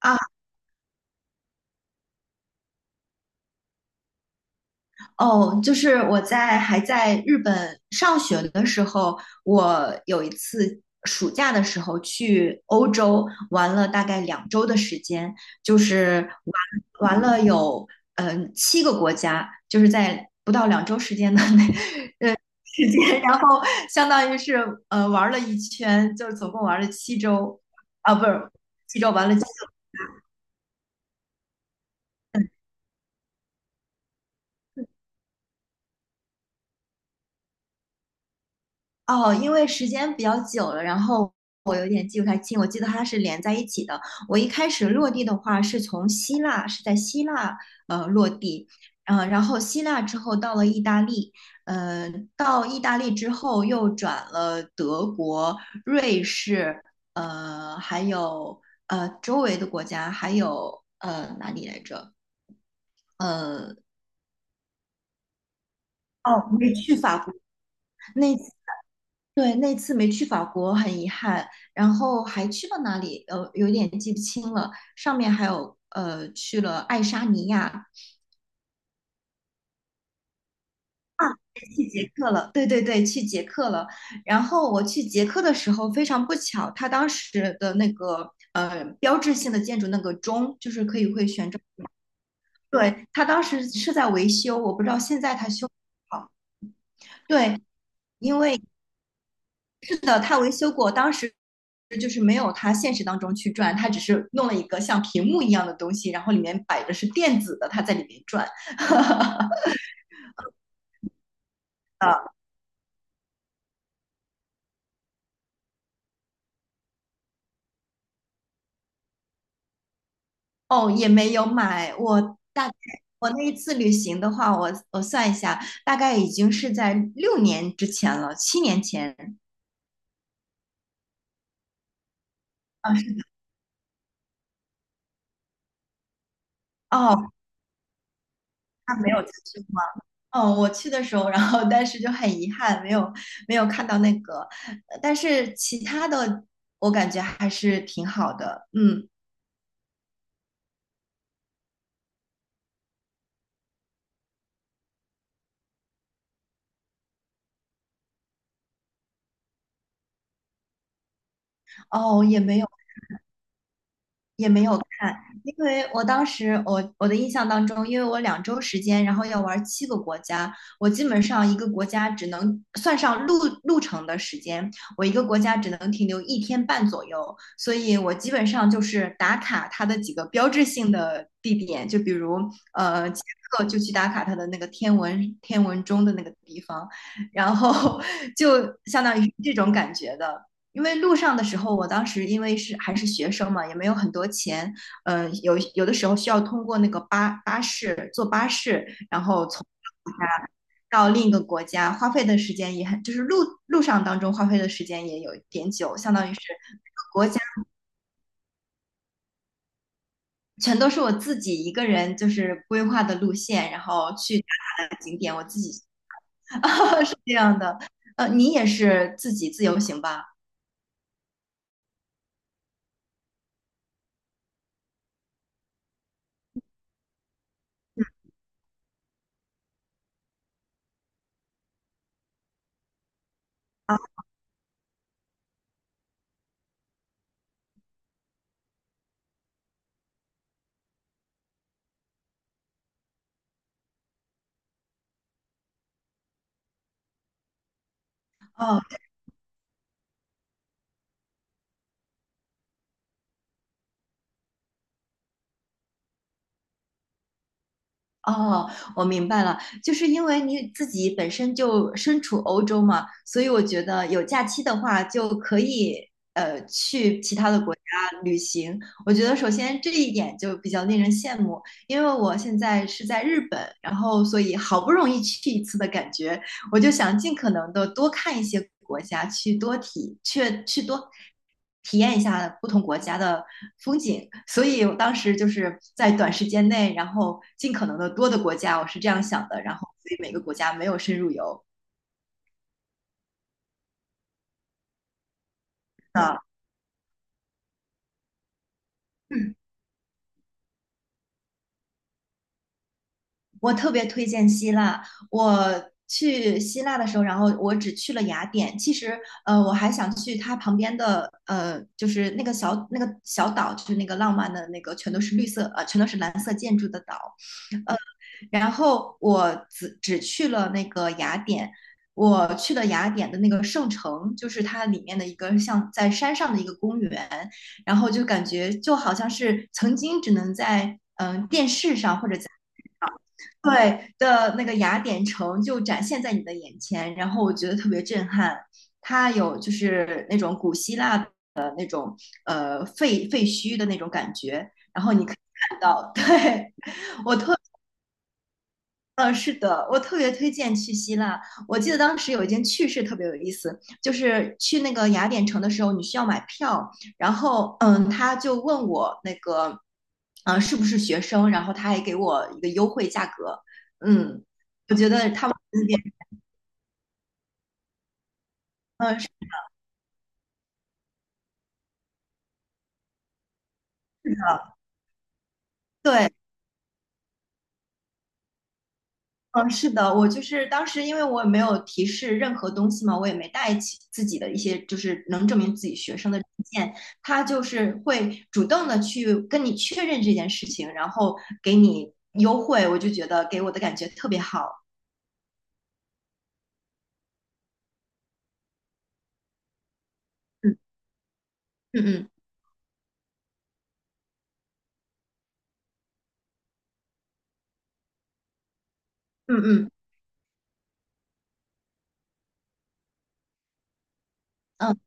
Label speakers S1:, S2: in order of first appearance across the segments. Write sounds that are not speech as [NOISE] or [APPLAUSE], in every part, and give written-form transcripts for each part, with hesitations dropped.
S1: 啊，哦，就是还在日本上学的时候，我有一次暑假的时候去欧洲玩了大概两周的时间，就是玩了有七个国家，就是在不到两周时间的 [LAUGHS] 那时间，然后相当于是玩了一圈，就是总共玩了七周。啊，不是七周，玩了。哦，因为时间比较久了，然后我有点记不太清，我记得它是连在一起的。我一开始落地的话是从希腊，是在希腊落地，然后希腊之后到了意大利，到意大利之后又转了德国、瑞士，还有周围的国家。还有哪里来着？呃，哦，没去法国。那次对，那次没去法国，很遗憾。然后还去了哪里？有点记不清了。上面还有去了爱沙尼亚，去捷克了。对对对，去捷克了。然后我去捷克的时候，非常不巧，它当时的那个标志性的建筑那个钟，就是可以会旋转。对，它当时是在维修，我不知道现在它修好。对，的，他维修过。当时就是没有他现实当中去转，他只是弄了一个像屏幕一样的东西，然后里面摆的是电子的，他在里面转。哦，也没有买，我大概我那一次旅行的话，我算一下，大概已经是在6年之前了，7年前。啊，是哦，他没有再去吗？哦，我去的时候，然后但是就很遗憾，没有看到那个，但是其他的我感觉还是挺好的。嗯，哦，也没有看，因为我当时我的印象当中，因为我两周时间，然后要玩七个国家，我基本上一个国家只能算上路程的时间，我一个国家只能停留一天半左右，所以我基本上就是打卡它的几个标志性的地点，就比如捷克就去打卡它的那个天文钟的那个地方，然后 [LAUGHS] 就相当于这种感觉的。因为路上的时候，我当时因为还是学生嘛，也没有很多钱。嗯，有的时候需要通过那个巴士坐巴士，然后从到另一个国家，花费的时间也很，就是路上当中花费的时间也有一点久，相当于是全都是我自己一个人就是规划的路线，然后去打卡的景点，我自己 [LAUGHS] 是这样的。你也是自己自由行吧？啊，哦，哦，我明白了，就是因为你自己本身就身处欧洲嘛，所以我觉得有假期的话就可以去其他的国家旅行。我觉得首先这一点就比较令人羡慕，因为我现在是在日本，然后所以好不容易去一次的感觉，我就想尽可能的多看一些国家，去多体验一下不同国家的风景。所以我当时就是在短时间内，然后尽可能的多的国家，我是这样想的。然后所以每个国家没有深入游啊。嗯，我特别推荐希腊。去希腊的时候，然后我只去了雅典。其实，我还想去它旁边的，就是那个小岛，就是那个浪漫的那个，全都是绿色，全都是蓝色建筑的岛。然后我只去了那个雅典，我去了雅典的那个圣城，就是它里面的一个像在山上的一个公园，然后就感觉就好像是曾经只能在电视上或者在，对，的那个雅典城就展现在你的眼前，然后我觉得特别震撼。它有就是那种古希腊的那种废墟的那种感觉，然后你可以看到。[LAUGHS] 对，我特嗯，是的，我特别推荐去希腊。我记得当时有一件趣事特别有意思，就是去那个雅典城的时候，你需要买票，然后他就问我那个，是不是学生，然后他还给我一个优惠价格。嗯，我觉得他们那边，嗯，是，对，嗯，是的，我就是当时因为我也没有提示任何东西嘛，我也没带起自己的一些就是能证明自己学生的证件，他就是会主动的去跟你确认这件事情，然后给你优惠，我就觉得给我的感觉特别好。嗯嗯嗯嗯嗯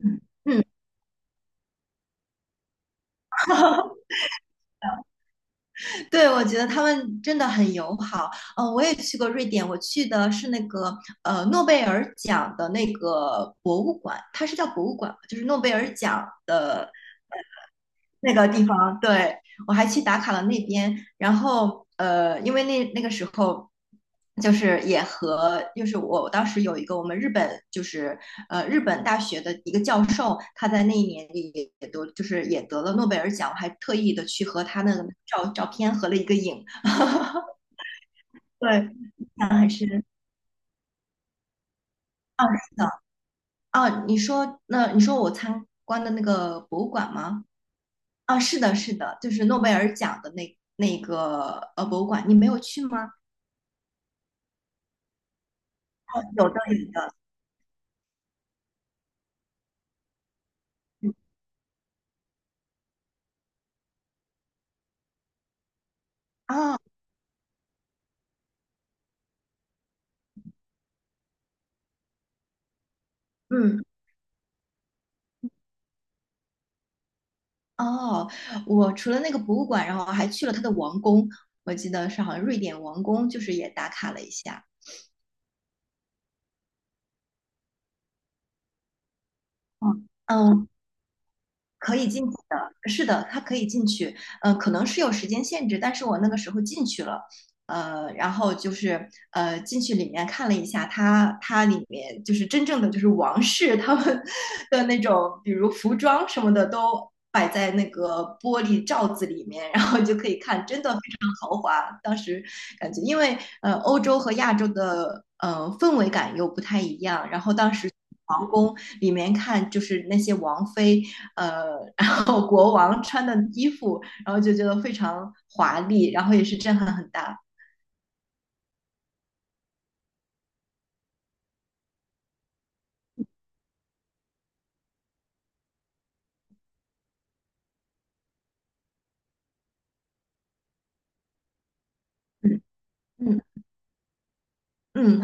S1: 嗯嗯嗯，[LAUGHS] 对，我觉得他们真的很友好。我也去过瑞典，我去的是那个诺贝尔奖的那个博物馆，它是叫博物馆吗？就是诺贝尔奖的那个地方。对，我还去打卡了那边，然后因为那个时候就是也和就是我当时有一个我们日本就是日本大学的一个教授，他在那一年里也都就是也得了诺贝尔奖，我还特意的去和他那个照照片合了一个影。对，是的。啊，你说我参观的那个博物馆吗？啊，是的，是的，就是诺贝尔奖的那个博物馆，你没有去吗？哦，有的，有的。哦，嗯，哦，我除了那个博物馆，然后还去了他的王宫，我记得是好像瑞典王宫，就是也打卡了一下。嗯，嗯，可以进去的，是的，他可以进去。嗯、可能是有时间限制，但是我那个时候进去了，然后就是进去里面看了一下它，它里面就是真正的就是王室他们 [LAUGHS] 的那种，比如服装什么的都摆在那个玻璃罩子里面，然后就可以看，真的非常豪华。当时感觉，因为欧洲和亚洲的氛围感又不太一样。然后当时皇宫里面看，就是那些王妃，呃，[LAUGHS] 然后国王穿的衣服，然后就觉得非常华丽，然后也是震撼很大。嗯嗯嗯，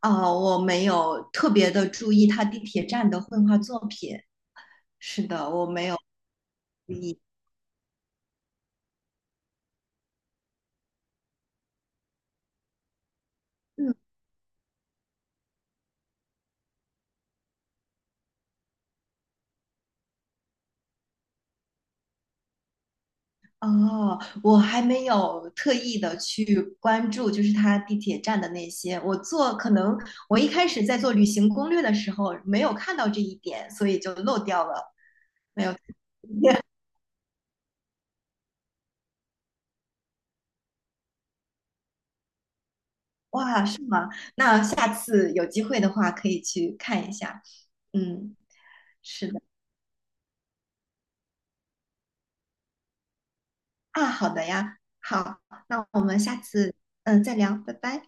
S1: 啊、我没有特别的注意他地铁站的绘画作品。是的，我没有注意。嗯。哦，我还没有特意的去关注，就是它地铁站的那些。可能我一开始在做旅行攻略的时候没有看到这一点，所以就漏掉了。没有，哇，是吗？那下次有机会的话可以去看一下。嗯，是的。啊，好的呀，好，那我们下次再聊，拜拜。